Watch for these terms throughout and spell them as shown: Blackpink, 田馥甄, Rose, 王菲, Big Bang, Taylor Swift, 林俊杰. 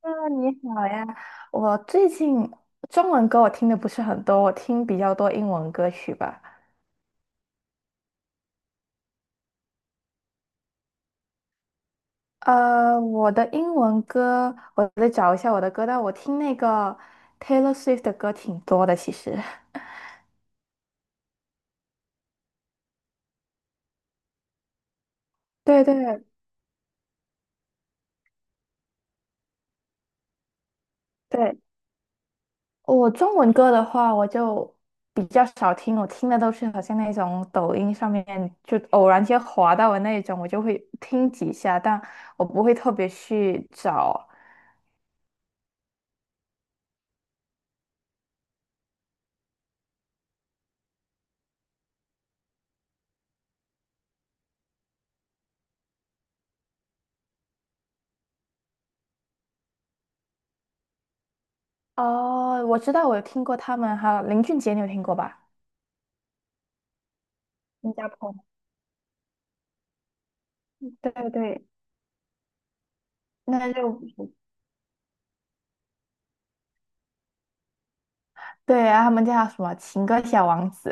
啊，你好呀！我最近中文歌我听的不是很多，我听比较多英文歌曲吧。我的英文歌，我得找一下我的歌单。我听那个 Taylor Swift 的歌挺多的，其实。对对对，我中文歌的话，我就比较少听，我听的都是好像那种抖音上面就偶然间滑到的那种，我就会听几下，但我不会特别去找。哦，我知道，我有听过他们，还有林俊杰，你有听过吧？新加坡。对对对，那就不是。 对，然后他们叫什么情歌小王子？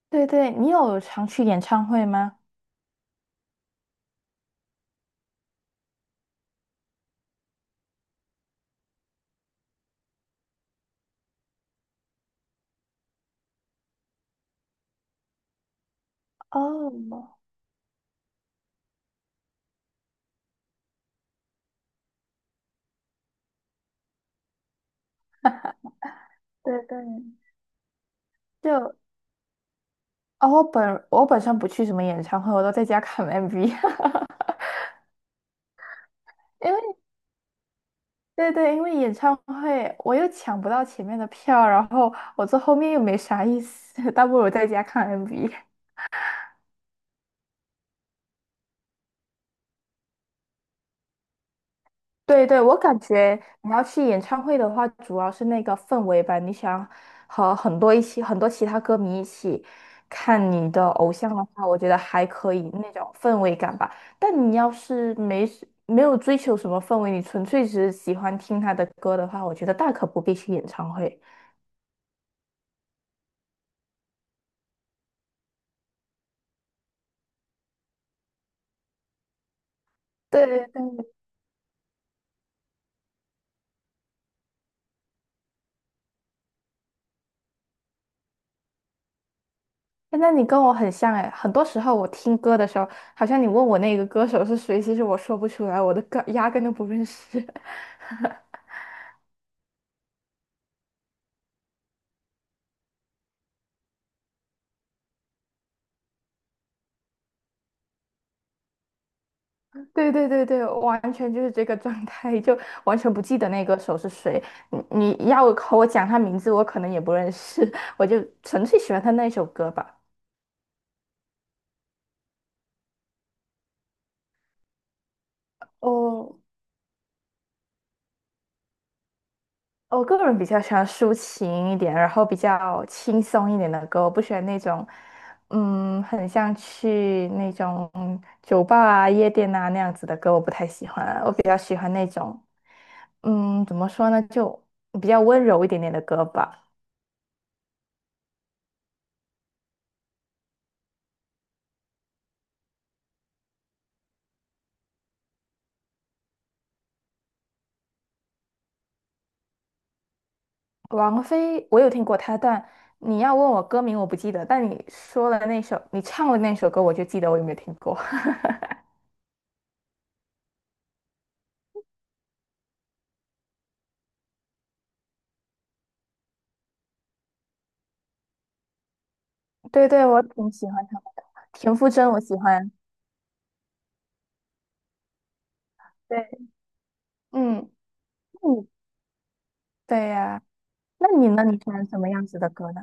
对对，你有常去演唱会吗？哦，对对，就哦，我本身不去什么演唱会，我都在家看 MV。因为对对，因为演唱会我又抢不到前面的票，然后我坐后面又没啥意思，倒不如在家看 MV。对对，我感觉你要去演唱会的话，主要是那个氛围吧。你想和很多一起，很多其他歌迷一起看你的偶像的话，我觉得还可以那种氛围感吧。但你要是没事没有追求什么氛围，你纯粹只是喜欢听他的歌的话，我觉得大可不必去演唱会。对对对，诶那你跟我很像哎，很多时候我听歌的时候，好像你问我那个歌手是谁，其实我说不出来，我的歌压根都不认识。对对对对，完全就是这个状态，就完全不记得那个手是谁。你要和我讲他名字，我可能也不认识，我就纯粹喜欢他那首歌吧。哦，我个人比较喜欢抒情一点，然后比较轻松一点的歌，我不喜欢那种，很像去那种酒吧啊、夜店啊那样子的歌，我不太喜欢啊。我比较喜欢那种，怎么说呢，就比较温柔一点点的歌吧。王菲，我有听过她，但你要问我歌名，我不记得。但你说了那首，你唱了那首歌，我就记得我有没有听过。对对，我挺喜欢她的，田馥甄我喜欢。对。嗯，那你对呀、那你呢？你喜欢什么样子的歌呢？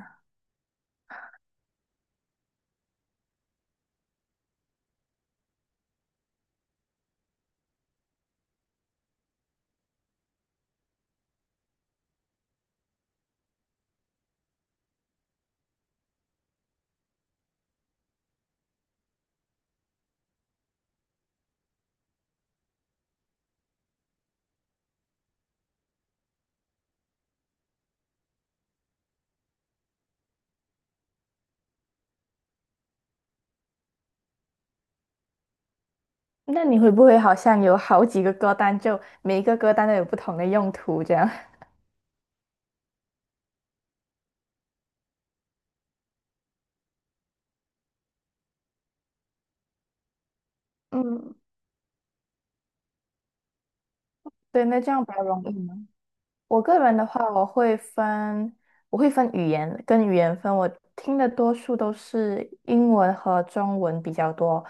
那你会不会好像有好几个歌单，就每一个歌单都有不同的用途这样？嗯，对，那这样比较容易吗？我个人的话，我会分语言跟语言分。我听的多数都是英文和中文比较多，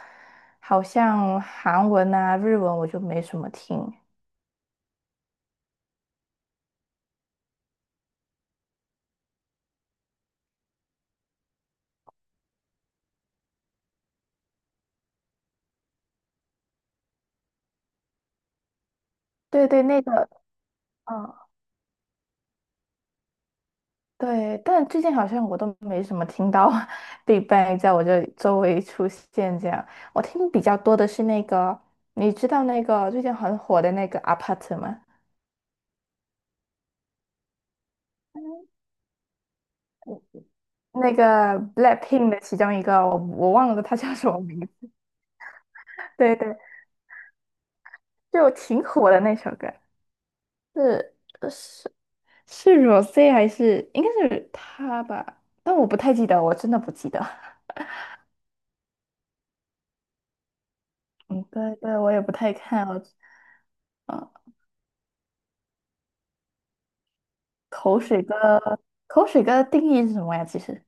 好像韩文啊、日文我就没什么听。对对，那个，嗯，对，但最近好像我都没什么听到 Big Bang 在我这里周围出现这样。我听比较多的是那个，你知道那个最近很火的那个 Apart 吗？那个 Blackpink 的其中一个，我忘了他叫什么名字。对对，就挺火的那首歌，是呃是是 Rose 还是应该是他吧？但我不太记得，我真的不记得。嗯，对对，我也不太看哦。嗯，口水歌，口水歌的定义是什么呀？其实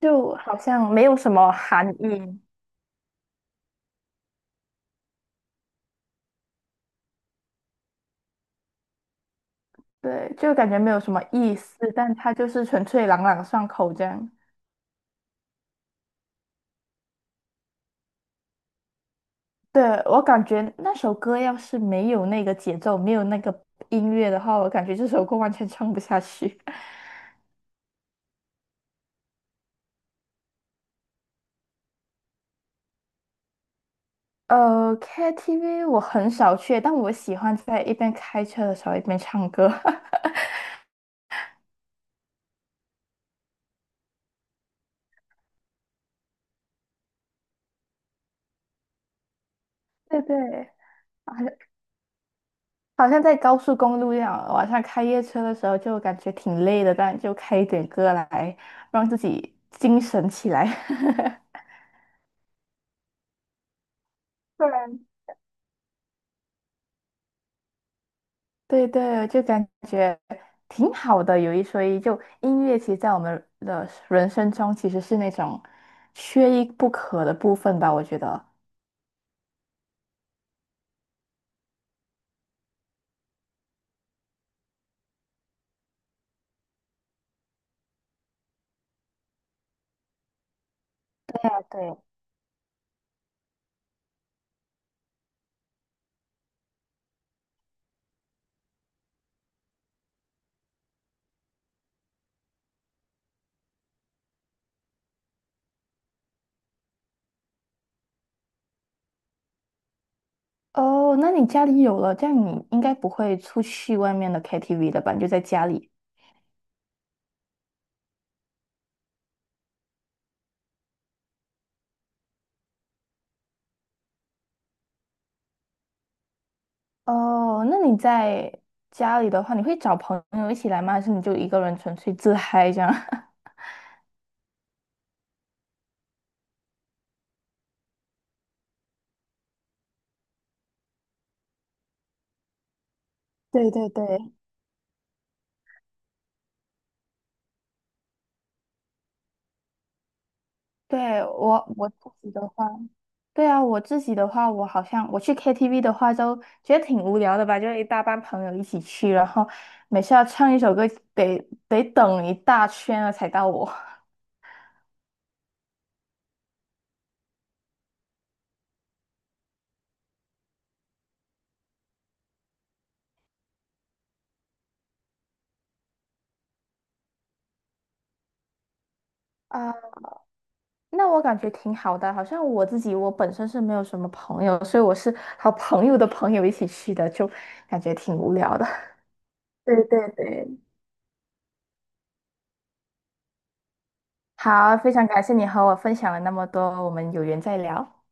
就好像没有什么含义，对，就感觉没有什么意思，但它就是纯粹朗朗上口这样。对，我感觉那首歌要是没有那个节奏，没有那个音乐的话，我感觉这首歌完全唱不下去。呃，KTV 我很少去，但我喜欢在一边开车的时候一边唱歌。对对，好像好像在高速公路一样，晚上开夜车的时候就感觉挺累的，但就开一点歌来让自己精神起来。不然，对对，就感觉挺好的。有一说一，就音乐其实在我们的人生中其实是那种缺一不可的部分吧，我觉得。啊对，哦，那你家里有了，这样你应该不会出去外面的 KTV 了吧？你就在家里。哦，那你在家里的话，你会找朋友一起来吗？还是你就一个人纯粹自嗨这样？对对对，对，我自己的话，对啊，我自己的话，我好像我去 KTV 的话，都觉得挺无聊的吧，就一大班朋友一起去，然后每次要唱一首歌，得得等一大圈了才到我。啊。那我感觉挺好的，好像我自己我本身是没有什么朋友，所以我是好朋友的朋友一起去的，就感觉挺无聊的。对对对，好，非常感谢你和我分享了那么多，我们有缘再聊。